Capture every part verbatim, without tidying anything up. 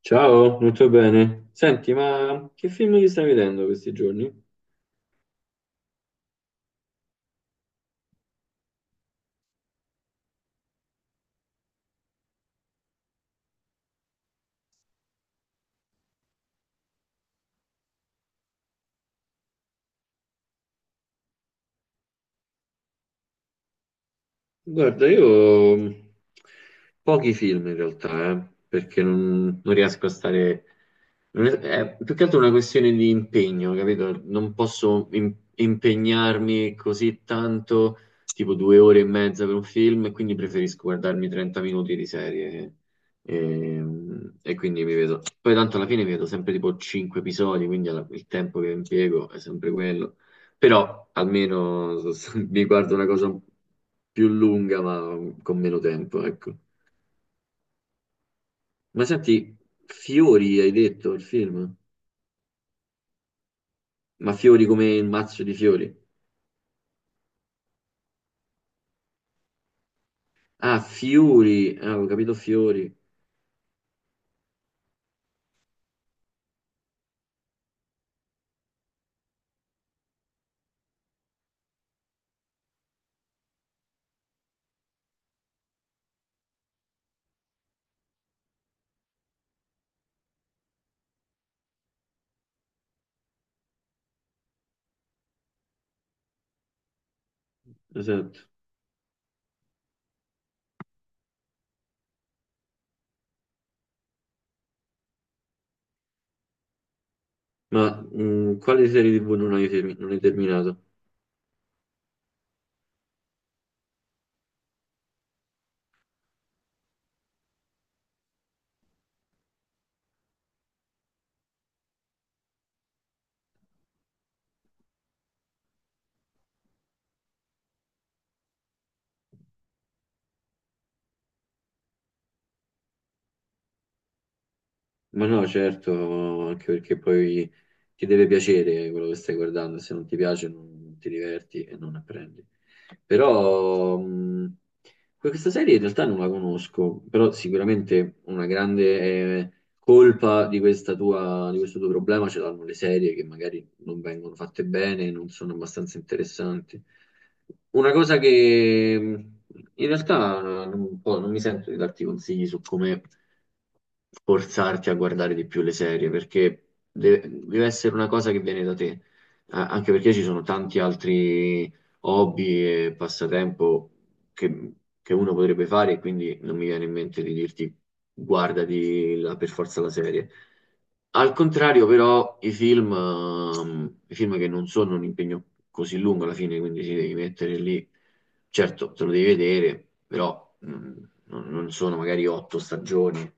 Ciao, molto bene. Senti, ma che film ti stai vedendo questi giorni? Guarda, io mh, pochi film in realtà, eh, perché non, non riesco a stare. Non è, è più che altro una questione di impegno, capito? Non posso im- impegnarmi così tanto, tipo due ore e mezza per un film, e quindi preferisco guardarmi trenta minuti di serie. E, mh, e quindi mi vedo. Poi tanto alla fine mi vedo sempre tipo cinque episodi, quindi alla- il tempo che impiego è sempre quello. Però almeno mi guardo una cosa più lunga, ma con meno tempo, ecco. Ma senti, Fiori hai detto il film? Ma Fiori come il mazzo di fiori? Ah, Fiori, ah, ho capito Fiori, esatto. Ma mh, quale serie tivù non hai, termi- non hai terminato? Ma no, certo, anche perché poi ti deve piacere quello che stai guardando, se non ti piace non ti diverti e non apprendi. Però mh, questa serie in realtà non la conosco, però sicuramente una grande eh, colpa di questa tua, di questo tuo problema ce l'hanno le serie che magari non vengono fatte bene, non sono abbastanza interessanti. Una cosa che mh, in realtà non, un po' non mi sento di darti consigli su come forzarti a guardare di più le serie, perché deve, deve essere una cosa che viene da te. A- anche perché ci sono tanti altri hobby e passatempo che, che uno potrebbe fare e quindi non mi viene in mente di dirti guardati la- per forza la serie. Al contrario, però, i film, ehm, i film che non sono un impegno così lungo alla fine, quindi ti devi mettere lì, certo, te lo devi vedere, però mm, non, non sono magari otto stagioni,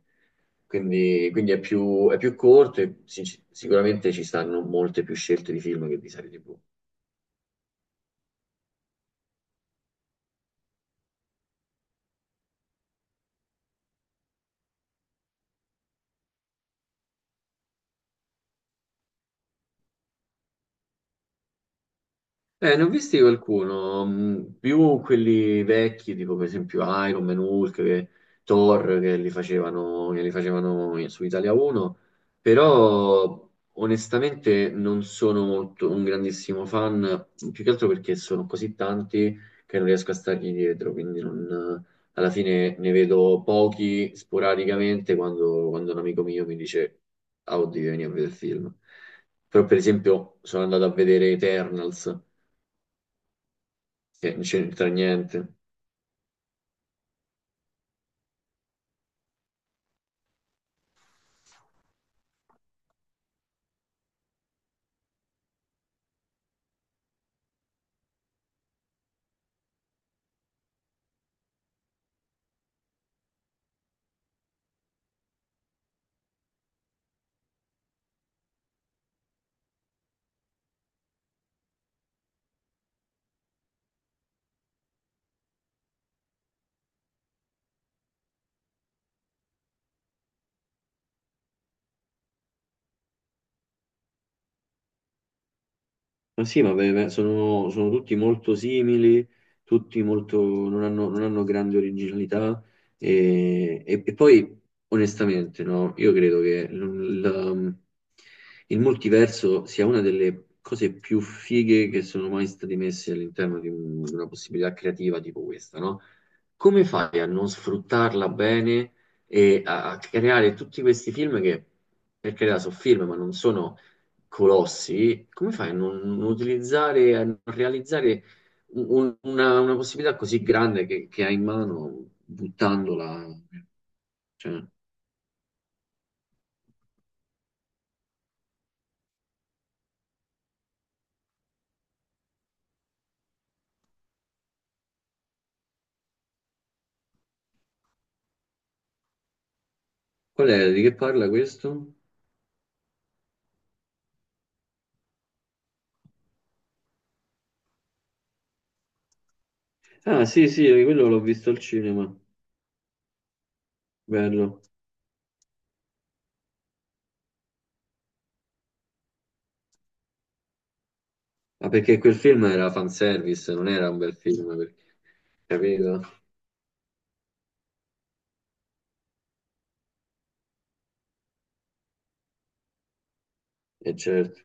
quindi, quindi è più, è più corto e sinc- sicuramente ci stanno molte più scelte di film che di serie T V. Eh, ne ho visti qualcuno, mh, più quelli vecchi, tipo per esempio Iron Man, Hulk, che- Thor, che li facevano, che li facevano in- su Italia uno, però onestamente non sono molto, un grandissimo fan, più che altro perché sono così tanti che non riesco a stargli dietro, quindi non- alla fine ne vedo pochi sporadicamente quando, quando un amico mio mi dice, ah, oddio, vieni a vedere il film. Però per esempio sono andato a vedere Eternals che non c'entra niente. Ma sì, ma beh, beh, sono, sono tutti molto simili, tutti molto, non hanno, non hanno grande originalità e, e- e poi onestamente no, io credo che l- la- il multiverso sia una delle cose più fighe che sono mai state messe all'interno di un- di una possibilità creativa tipo questa, no? Come fai a non sfruttarla bene e a, a creare tutti questi film che, per carità, sono film, ma non sono colossi. Come fai a non, non utilizzare, a non realizzare un- una, una possibilità così grande che, che hai in mano buttandola? Cioè, qual è? Di che parla questo? Ah, sì, sì, quello l'ho visto al cinema. Bello. Ma perché quel film era fanservice, non era un bel film, perché- capito? E certo.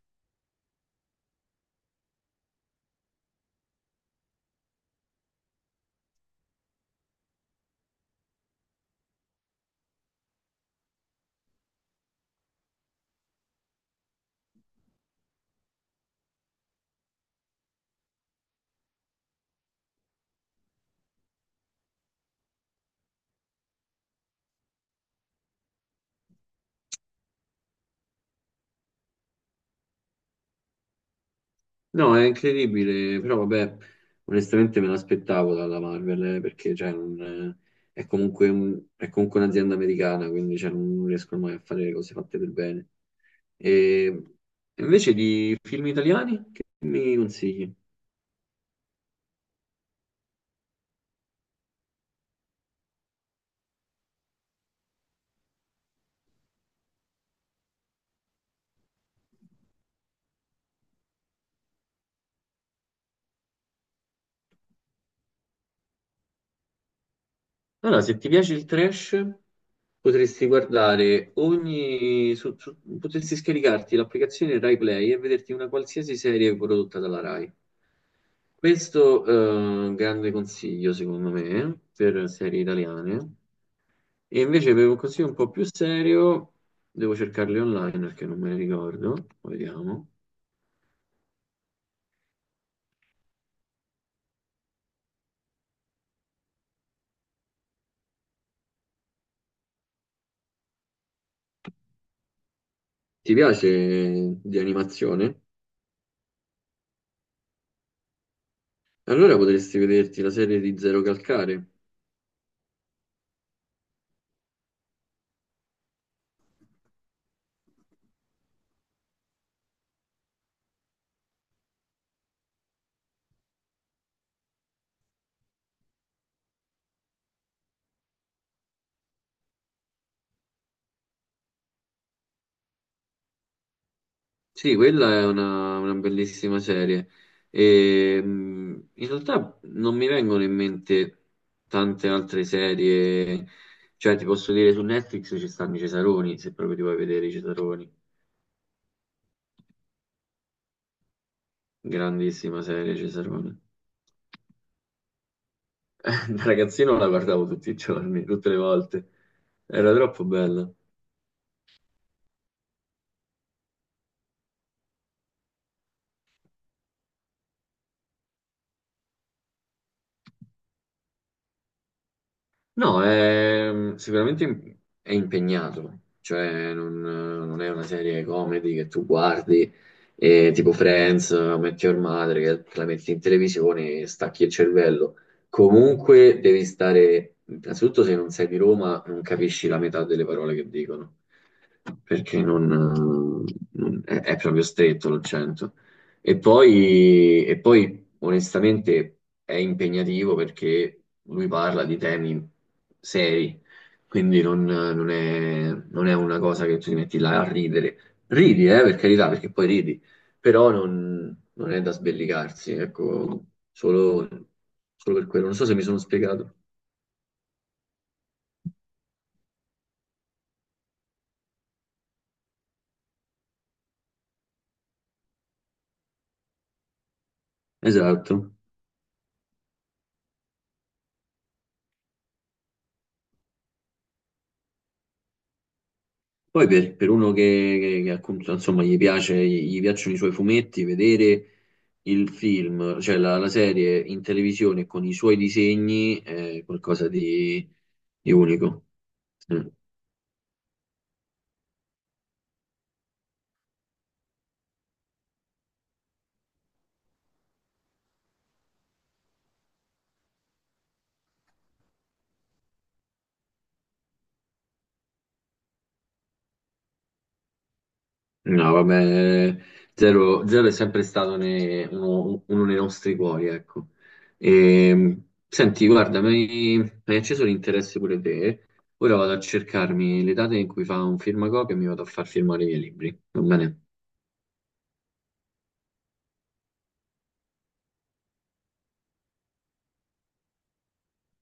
No, è incredibile, però vabbè, onestamente me l'aspettavo dalla Marvel, eh, perché cioè, non, eh, è comunque un- è comunque un'azienda americana, quindi cioè, non riescono mai a fare le cose fatte per bene. E invece di film italiani, che mi consigli? Allora, se ti piace il trash, potresti guardare ogni... su- su- potresti scaricarti l'applicazione Rai Play e vederti una qualsiasi serie prodotta dalla Rai. Questo è un grande consiglio, secondo me, per serie italiane. E invece per un consiglio un po' più serio, devo cercarle online perché non me ne ricordo. Vediamo. Ti piace di animazione? Allora potresti vederti la serie di Zero Calcare. Sì, quella è una, una bellissima serie. E, mh, in realtà non mi vengono in mente tante altre serie. Cioè, ti posso dire, su Netflix ci stanno i Cesaroni, se proprio ti vuoi vedere i Cesaroni. Grandissima serie, Cesaroni. Da ragazzino la guardavo tutti i giorni, tutte le volte. Era troppo bella. No, è- sicuramente im- è impegnato, cioè non, non è una serie comedy che tu guardi e tipo Friends, metti Your Mother, che te la metti in televisione e stacchi il cervello. Comunque devi stare, innanzitutto se non sei di Roma non capisci la metà delle parole che dicono, perché non, non- è, è proprio stretto l'accento. E poi, e poi, onestamente, è impegnativo perché lui parla di temi seri, quindi non, non è, non è una cosa che tu ti metti là a ridere. Ridi, eh, per carità, perché poi ridi, però non, non è da sbellicarsi, ecco, solo, solo per quello. Non so se mi sono spiegato. Esatto. Poi per, per uno che, che- che appunto, insomma, gli piace, gli gli piacciono i suoi fumetti, vedere il film, cioè la, la serie in televisione con i suoi disegni è qualcosa di, di unico. Mm. No, vabbè, Zero, Zero è sempre stato ne- uno, uno dei nostri cuori, ecco. E, senti, guarda, mi mi hai acceso l'interesse pure te. Ora vado a cercarmi le date in cui fa un firmacopia e mi vado a far firmare i miei libri. Va bene?